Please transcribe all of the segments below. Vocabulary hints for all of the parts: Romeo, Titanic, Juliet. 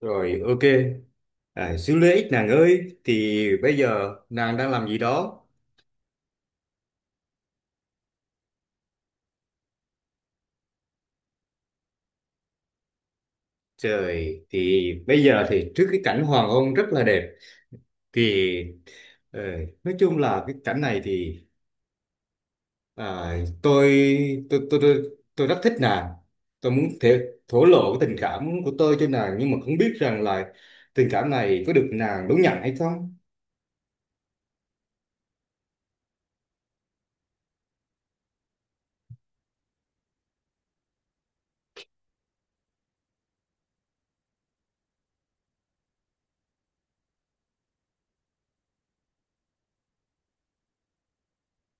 Rồi, ok. Xíu lấy ích nàng ơi thì bây giờ nàng đang làm gì đó? Trời, thì bây giờ thì trước cái cảnh hoàng hôn rất là đẹp thì ờ, nói chung là cái cảnh này thì à, tôi, tôi rất thích nàng. Tôi muốn thổ lộ cái tình cảm của tôi cho nàng nhưng mà không biết rằng là tình cảm này có được nàng đón nhận hay không.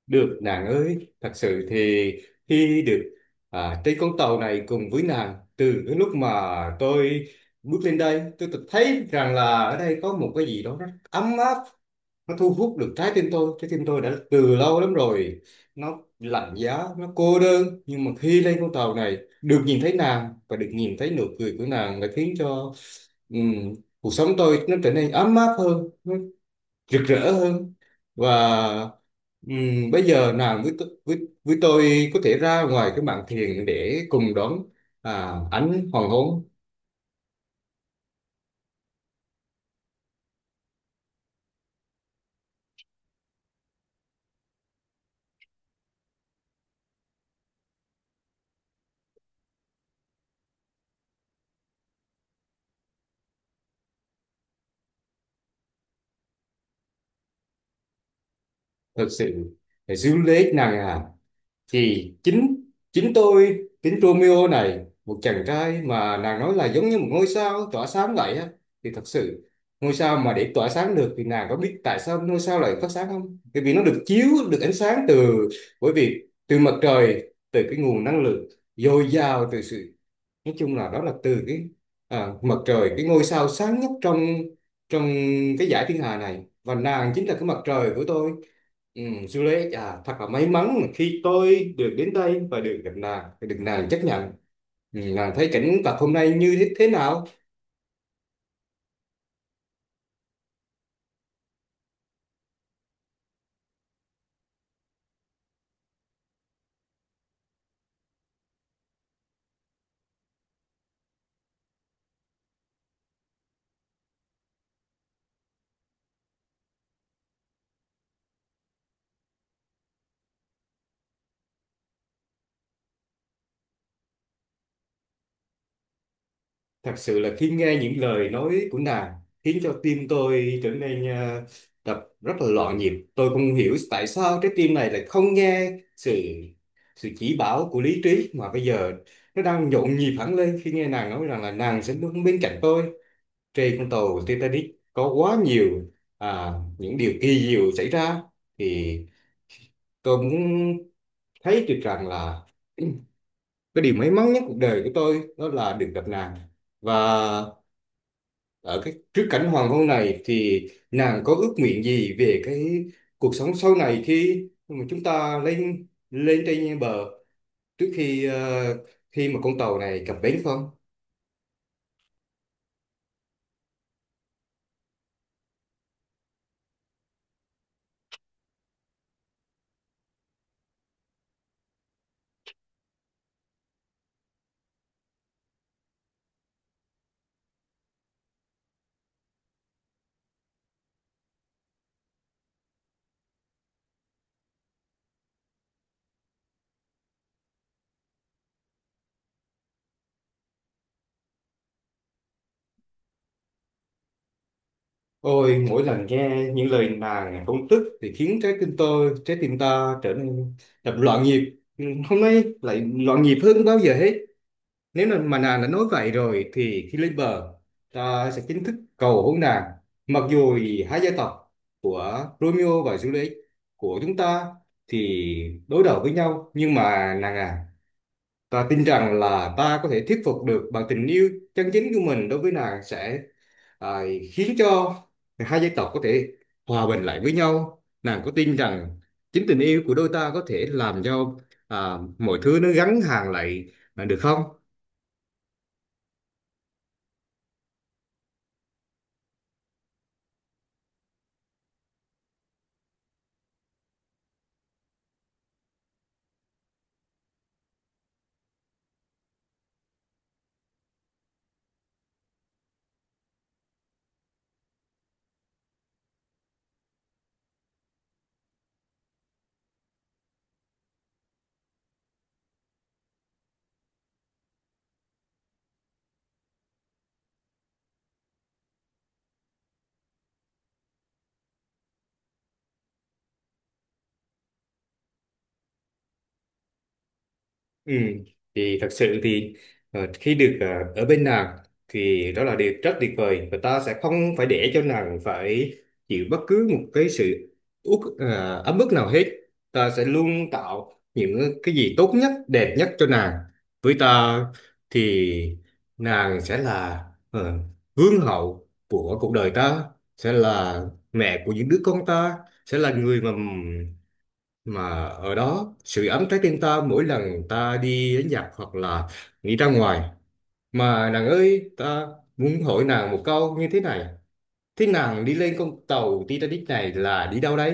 Được nàng ơi, thật sự thì khi được trên con tàu này cùng với nàng từ cái lúc mà tôi bước lên đây tôi tự thấy rằng là ở đây có một cái gì đó rất ấm áp, nó thu hút được trái tim tôi. Trái tim tôi đã từ lâu lắm rồi nó lạnh giá, nó cô đơn, nhưng mà khi lên con tàu này được nhìn thấy nàng và được nhìn thấy nụ cười của nàng đã khiến cho ừm, cuộc sống tôi nó trở nên ấm áp hơn, rực rỡ hơn. Và bây giờ nàng với với tôi có thể ra ngoài cái mạn thuyền để cùng đón ánh hoàng hôn. Thật sự phải giữ lấy nàng, à thì chính chính tôi, chính Romeo này, một chàng trai mà nàng nói là giống như một ngôi sao tỏa sáng vậy á, thì thật sự ngôi sao mà để tỏa sáng được thì nàng có biết tại sao ngôi sao lại phát sáng không? Bởi vì nó được chiếu được ánh sáng từ, bởi vì từ mặt trời, từ cái nguồn năng lượng dồi dào, từ sự, nói chung là đó là từ cái mặt trời, cái ngôi sao sáng nhất trong trong cái dải thiên hà này, và nàng chính là cái mặt trời của tôi. Ừ, Juliet à, thật là may mắn mà khi tôi được đến đây và được gặp nàng, được nàng chấp nhận. Ừ, nàng thấy cảnh vật hôm nay như thế thế nào? Thật sự là khi nghe những lời nói của nàng khiến cho tim tôi trở nên đập rất là loạn nhịp. Tôi không hiểu tại sao trái tim này lại không nghe sự sự chỉ bảo của lý trí, mà bây giờ nó đang nhộn nhịp hẳn lên khi nghe nàng nói rằng là nàng sẽ luôn bên cạnh tôi. Trên con tàu Titanic có quá nhiều những điều kỳ diệu xảy ra, thì tôi muốn thấy được rằng là cái điều may mắn nhất cuộc đời của tôi đó là được gặp nàng. Và ở cái trước cảnh hoàng hôn này thì nàng có ước nguyện gì về cái cuộc sống sau này khi mà chúng ta lên lên trên bờ, trước khi khi mà con tàu này cập bến không? Ôi, mỗi lần nghe những lời nàng công tức thì khiến trái tim tôi, trái tim ta trở nên đập loạn nhịp, hôm nay lại loạn nhịp hơn bao giờ hết. Nếu mà nàng đã nói vậy rồi thì khi lên bờ ta sẽ chính thức cầu hôn nàng. Mặc dù thì hai gia tộc của Romeo và Juliet, của chúng ta, thì đối đầu với nhau, nhưng mà nàng à, ta tin rằng là ta có thể thuyết phục được bằng tình yêu chân chính của mình. Đối với nàng sẽ à, khiến cho hai gia tộc có thể hòa bình lại với nhau. Nàng có tin rằng chính tình yêu của đôi ta có thể làm cho mọi thứ nó gắn hàng lại được không? Ừ, thì thật sự thì khi được ở bên nàng thì đó là điều rất tuyệt vời, và ta sẽ không phải để cho nàng phải chịu bất cứ một cái sự ấm ức nào hết. Ta sẽ luôn tạo những cái gì tốt nhất, đẹp nhất cho nàng. Với ta thì nàng sẽ là ờ, vương hậu của cuộc đời ta, sẽ là mẹ của những đứa con ta, sẽ là người mà ở đó sự ấm trái tim ta mỗi lần ta đi đến giặc hoặc là đi ra ngoài. Mà nàng ơi, ta muốn hỏi nàng một câu như thế này, thế nàng đi lên con tàu Titanic này là đi đâu đấy?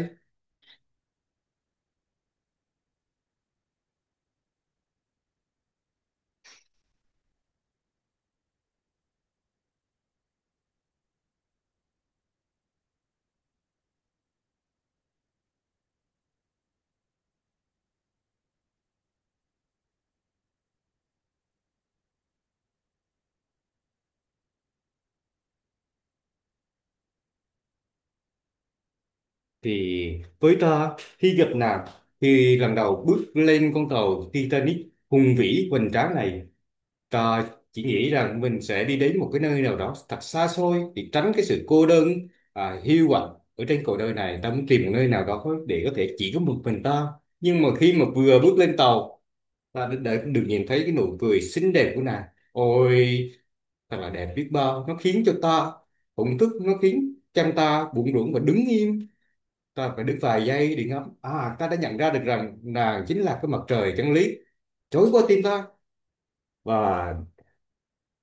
Thì với ta, khi gặp nàng, khi lần đầu bước lên con tàu Titanic hùng vĩ hoành tráng này, ờ, chỉ nghĩ rằng mình sẽ đi đến một cái nơi nào đó thật xa xôi để tránh cái sự cô đơn, hiu quạnh ở trên cuộc đời này. Ta muốn tìm một nơi nào đó để có thể chỉ có một mình ta, nhưng mà khi mà vừa bước lên tàu ta đã được nhìn thấy cái nụ cười xinh đẹp của nàng. Ôi, thật là đẹp biết bao, nó khiến cho ta thổn thức, nó khiến chân ta bủn rủn và đứng im. Ta phải đứng vài giây để ngắm, à ta đã nhận ra được rằng nàng chính là cái mặt trời chân lý trỗi qua tim ta. Và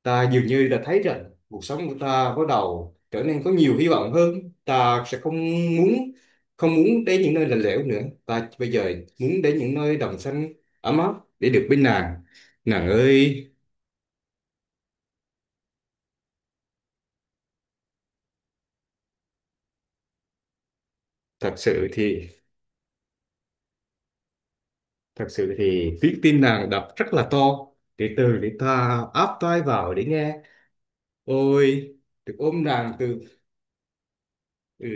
ta dường như đã thấy rằng cuộc sống của ta bắt đầu trở nên có nhiều hy vọng hơn. Ta sẽ không muốn, không muốn đến những nơi lạnh lẽo nữa. Ta bây giờ muốn đến những nơi đồng xanh, ấm áp, để được bên nàng, nàng ơi. Thật sự thì, thật sự thì tiếng tim nàng đập rất là to, từ từ để ta áp tai vào để nghe. Ôi, được ôm nàng từ, ừ,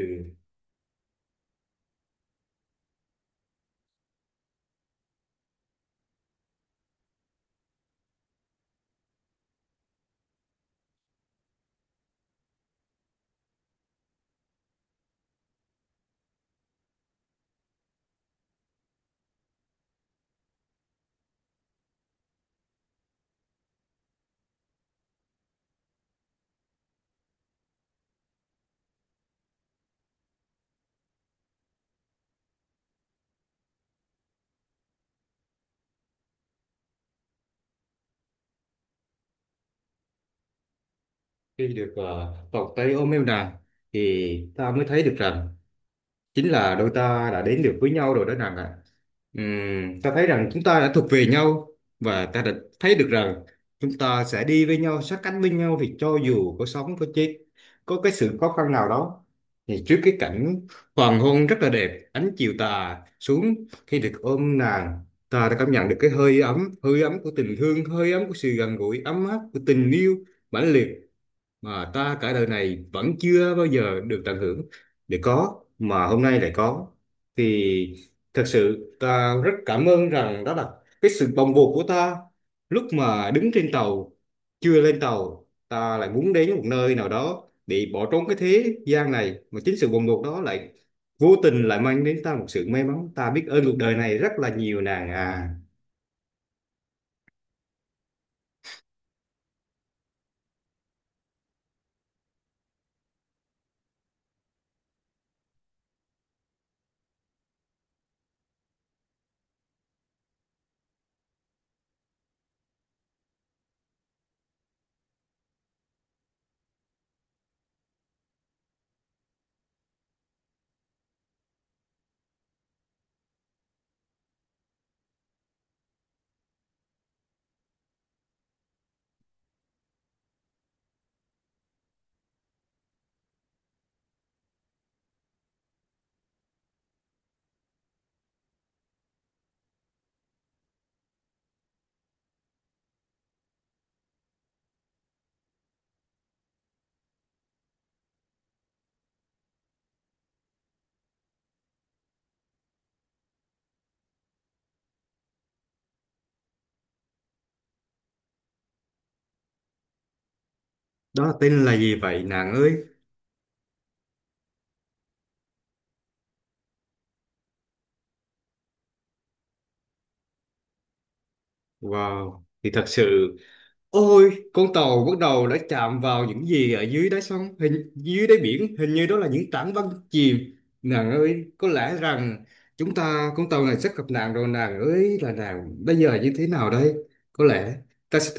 khi được vòng tay ôm em nàng thì ta mới thấy được rằng chính là đôi ta đã đến được với nhau rồi đó nàng ạ. Ta thấy rằng chúng ta đã thuộc về nhau, và ta đã thấy được rằng chúng ta sẽ đi với nhau, sát cánh với nhau, thì cho dù có sống có chết, có cái sự khó khăn nào đó, thì trước cái cảnh hoàng hôn rất là đẹp, ánh chiều tà xuống, khi được ôm nàng, ta đã cảm nhận được cái hơi ấm, hơi ấm của tình thương, hơi ấm của sự gần gũi ấm áp của tình yêu mãnh liệt mà ta cả đời này vẫn chưa bao giờ được tận hưởng, để có mà hôm nay lại có. Thì thật sự ta rất cảm ơn rằng đó là cái sự bồng bột của ta lúc mà đứng trên tàu, chưa lên tàu, ta lại muốn đến một nơi nào đó để bỏ trốn cái thế gian này, mà chính sự bồng bột đó lại vô tình lại mang đến ta một sự may mắn. Ta biết ơn cuộc đời này rất là nhiều, nàng à. Đó là tên là gì vậy nàng ơi? Wow, thì thật sự, ôi, con tàu bắt đầu đã chạm vào những gì ở dưới đáy sông, hình dưới đáy biển, hình như đó là những tảng băng chìm. Nàng ơi, có lẽ rằng chúng ta, con tàu này sắp gặp nạn rồi nàng ơi, là nàng bây giờ như thế nào đây? Có lẽ ta sẽ,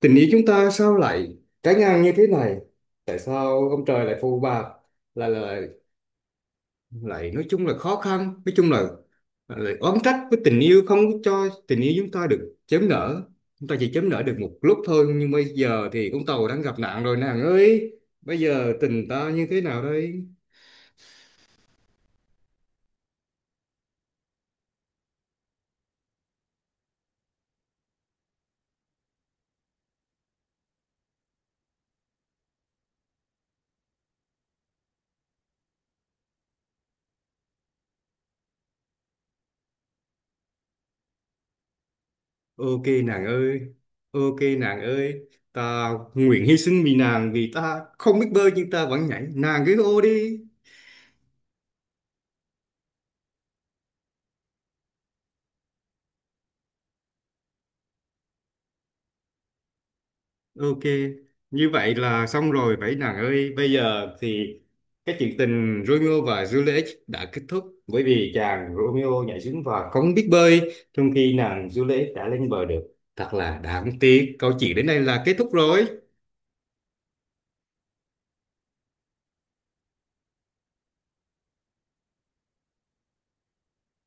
tình yêu chúng ta sao lại trái ngang như thế này? Tại sao ông trời lại phù bạc? Là lại nói chung là khó khăn, nói chung là lại oán trách với tình yêu, không có cho tình yêu chúng ta được chớm nở. Chúng ta chỉ chớm nở được một lúc thôi, nhưng bây giờ thì con tàu đang gặp nạn rồi nàng ơi, bây giờ tình ta như thế nào đây? Ok nàng ơi. Ok nàng ơi, ta nguyện hy sinh vì nàng, vì ta không biết bơi nhưng ta vẫn nhảy, nàng cứ ô đi. Ok, như vậy là xong rồi vậy nàng ơi. Bây giờ thì cái chuyện tình Romeo và Juliet đã kết thúc, bởi vì chàng Romeo nhảy xuống và không biết bơi, trong khi nàng Juliet đã lên bờ được. Thật là đáng tiếc. Câu chuyện đến đây là kết thúc rồi.